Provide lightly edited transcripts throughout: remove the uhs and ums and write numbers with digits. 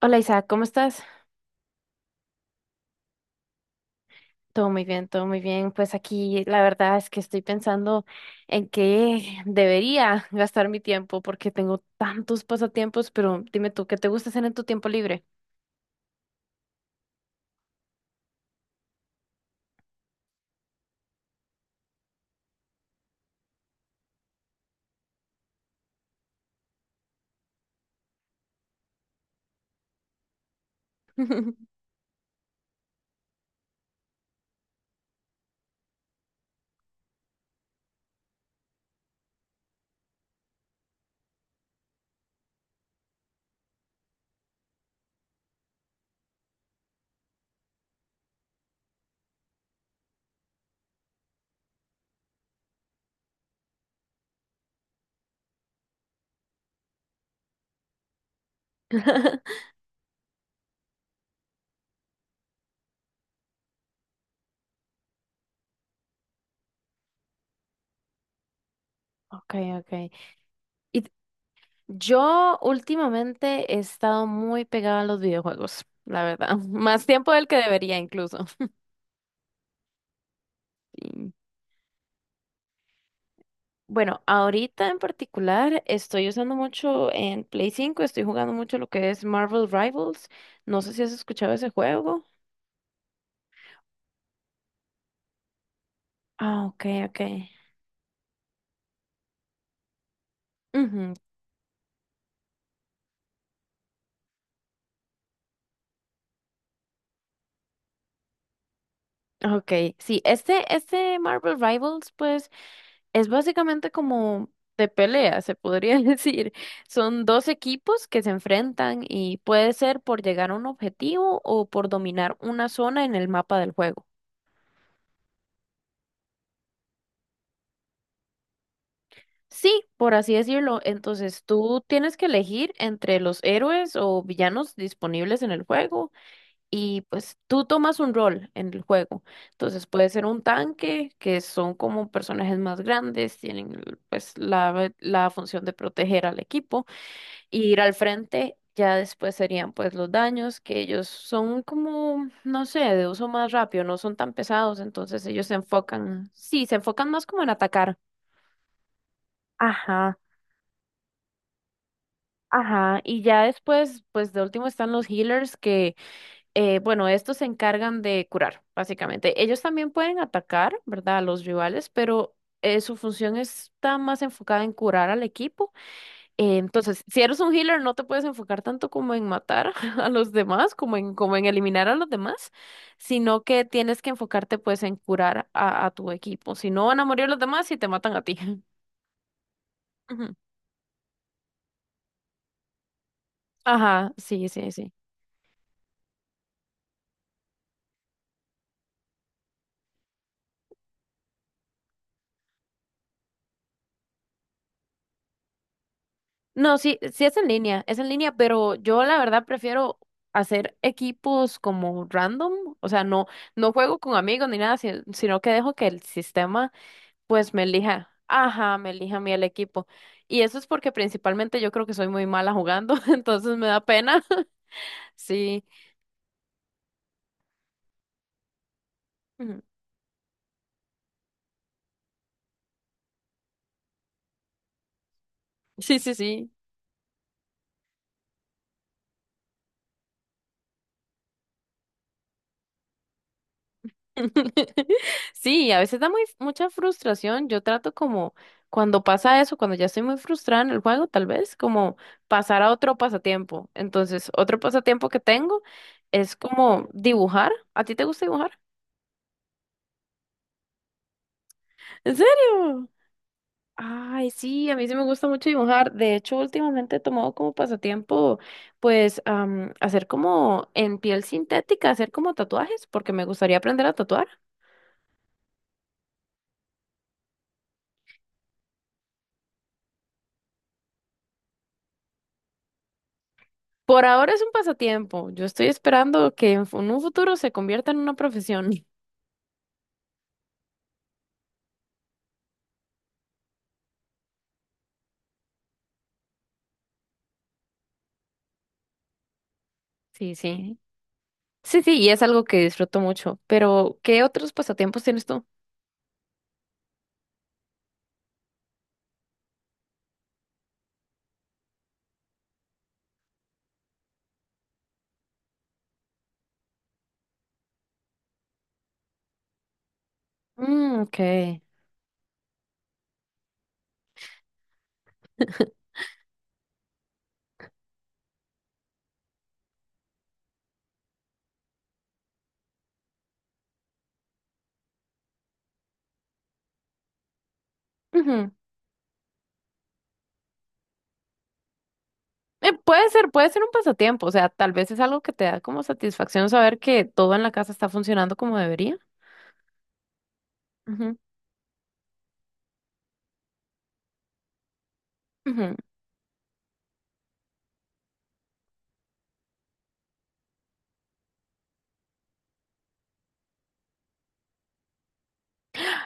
Hola Isaac, ¿cómo estás? Todo muy bien, todo muy bien. Pues aquí la verdad es que estoy pensando en qué debería gastar mi tiempo porque tengo tantos pasatiempos, pero dime tú, ¿qué te gusta hacer en tu tiempo libre? Okay, okay. Y t- yo últimamente he estado muy pegada a los videojuegos, la verdad. Más tiempo del que debería incluso. Sí. Bueno, ahorita en particular estoy usando mucho en Play 5, estoy jugando mucho lo que es Marvel Rivals. No sé si has escuchado ese juego. Ah, ok, ok. Ujú. Ok, sí, este Marvel Rivals, pues, es básicamente como de pelea, se podría decir. Son dos equipos que se enfrentan y puede ser por llegar a un objetivo o por dominar una zona en el mapa del juego. Sí, por así decirlo. Entonces tú tienes que elegir entre los héroes o villanos disponibles en el juego y pues tú tomas un rol en el juego. Entonces puede ser un tanque, que son como personajes más grandes, tienen pues la función de proteger al equipo y ir al frente. Ya después serían pues los daños, que ellos son como, no sé, de uso más rápido, no son tan pesados, entonces ellos se enfocan, sí, se enfocan más como en atacar. Ajá. Ajá, y ya después, pues de último están los healers que, bueno, estos se encargan de curar, básicamente. Ellos también pueden atacar, ¿verdad? A los rivales, pero su función está más enfocada en curar al equipo. Entonces, si eres un healer, no te puedes enfocar tanto como en matar a los demás, como en, como en eliminar a los demás, sino que tienes que enfocarte pues en curar a tu equipo. Si no, van a morir los demás y te matan a ti. Ujú. Ajá, sí, sí, sí. No, sí, sí es en línea, pero yo la verdad prefiero hacer equipos como random, o sea, no, no juego con amigos ni nada, sino que dejo que el sistema pues me elija, ajá, me elija a mí el equipo. Y eso es porque principalmente yo creo que soy muy mala jugando, entonces me da pena. Sí, ujú, sí, sí, sí. Sí, a veces da muy, mucha frustración. Yo trato como cuando pasa eso, cuando ya estoy muy frustrada en el juego, tal vez como pasar a otro pasatiempo. Entonces, otro pasatiempo que tengo es como dibujar. ¿A ti te gusta dibujar? ¿En serio? Ay, sí, a mí sí me gusta mucho dibujar. De hecho, últimamente he tomado como pasatiempo, pues, hacer como en piel sintética, hacer como tatuajes, porque me gustaría aprender a tatuar. Por ahora es un pasatiempo. Yo estoy esperando que en un futuro se convierta en una profesión. Sí, sí. Sí, sí, y es algo que disfruto mucho. Pero, ¿qué otros pasatiempos tienes tú? Mm, ok. Ujú. Puede ser un pasatiempo. O sea, tal vez es algo que te da como satisfacción saber que todo en la casa está funcionando como debería. Ujú, ujú.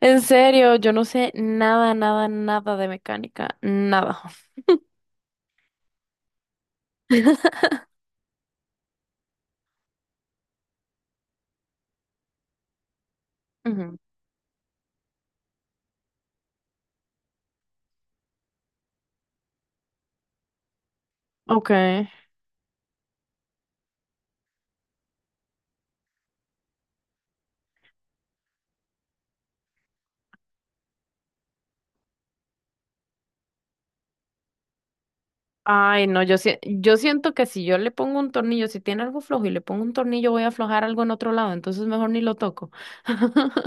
En serio, yo no sé nada, nada, nada de mecánica. Nada. Ujú. Ok. Ay, no, yo siento que si yo le pongo un tornillo, si tiene algo flojo y le pongo un tornillo, voy a aflojar algo en otro lado, entonces mejor ni lo toco.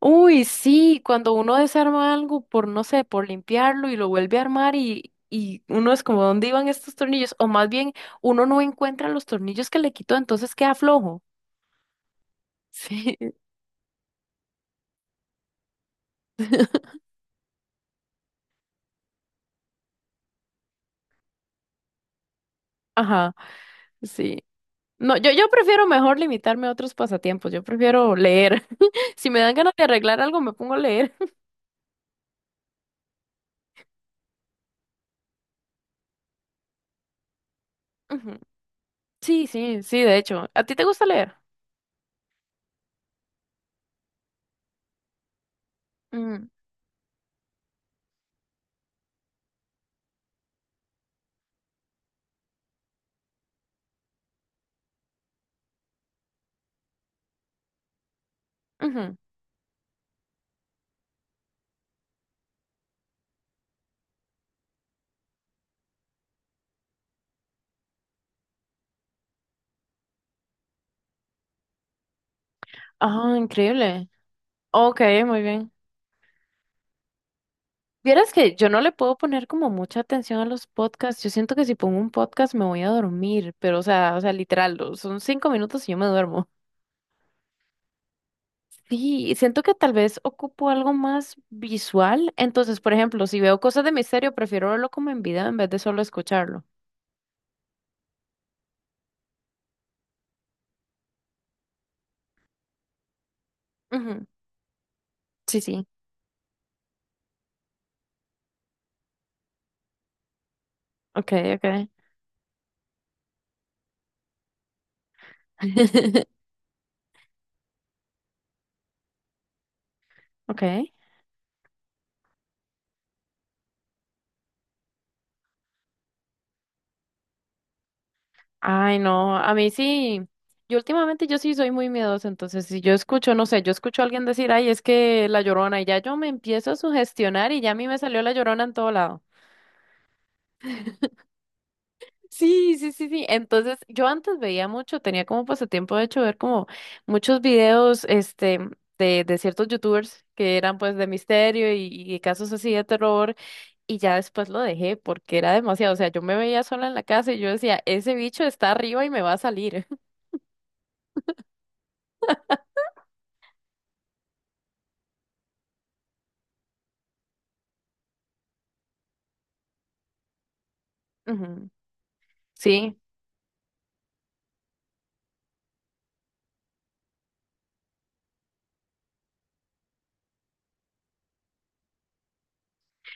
Uy, sí, cuando uno desarma algo por, no sé, por limpiarlo y lo vuelve a armar y uno es como, ¿dónde iban estos tornillos? O más bien, uno no encuentra los tornillos que le quitó, entonces queda flojo. Sí. Ajá, sí. No, yo prefiero mejor limitarme a otros pasatiempos, yo prefiero leer. Si me dan ganas de arreglar algo, me pongo a leer. Ujú. Sí, sí, sí, de hecho. ¿A ti te gusta leer? Mm, ujú. Ah, increíble. Ok, muy bien. Vieras que yo no le puedo poner como mucha atención a los podcasts. Yo siento que si pongo un podcast me voy a dormir, pero o sea, literal, son 5 minutos y yo me duermo. Sí, y siento que tal vez ocupo algo más visual. Entonces, por ejemplo, si veo cosas de misterio, prefiero verlo como en video en vez de solo escucharlo. Ujú. Sí, sí. Ok, ok. Ok. Ay, no, a mí sí. Yo últimamente yo sí soy muy miedosa, entonces si yo escucho, no sé, yo escucho a alguien decir, ay, es que la llorona, y ya yo me empiezo a sugestionar y ya a mí me salió la llorona en todo lado. Sí, sí, sí, sí. Entonces yo antes veía mucho, tenía como pasatiempo de hecho ver como muchos videos, este, de ciertos youtubers que eran pues de misterio y casos así de terror. Y ya después lo dejé porque era demasiado. O sea, yo me veía sola en la casa y yo decía, ese bicho está arriba y me va a salir. Ujú. Sí.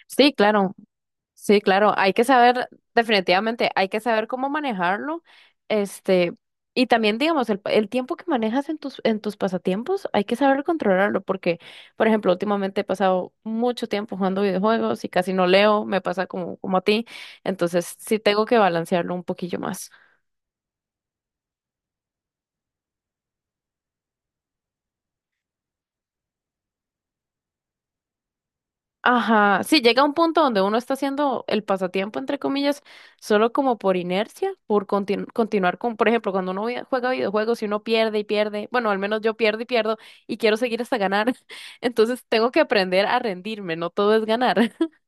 Sí, claro, sí, claro, hay que saber, definitivamente, hay que saber cómo manejarlo, este, y también, digamos, el tiempo que manejas en tus pasatiempos, hay que saber controlarlo, porque, por ejemplo, últimamente he pasado mucho tiempo jugando videojuegos y casi no leo, me pasa como, como a ti, entonces sí tengo que balancearlo un poquillo más. Ajá, sí, llega un punto donde uno está haciendo el pasatiempo, entre comillas, solo como por inercia, por continuar con, por ejemplo, cuando juega videojuegos y uno pierde y pierde, bueno, al menos yo pierdo y pierdo y quiero seguir hasta ganar, entonces tengo que aprender a rendirme, no todo es ganar.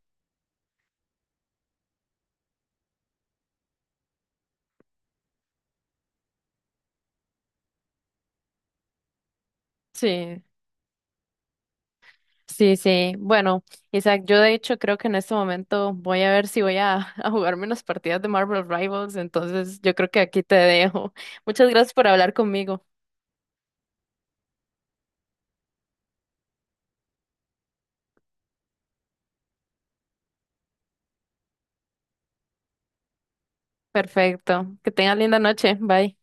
Sí, sí, sí. Bueno, Isaac, yo de hecho creo que en este momento voy a ver si voy a jugarme unas partidas de Marvel Rivals, entonces yo creo que aquí te dejo. Muchas gracias por hablar conmigo. Perfecto. Que tengas linda noche. Bye.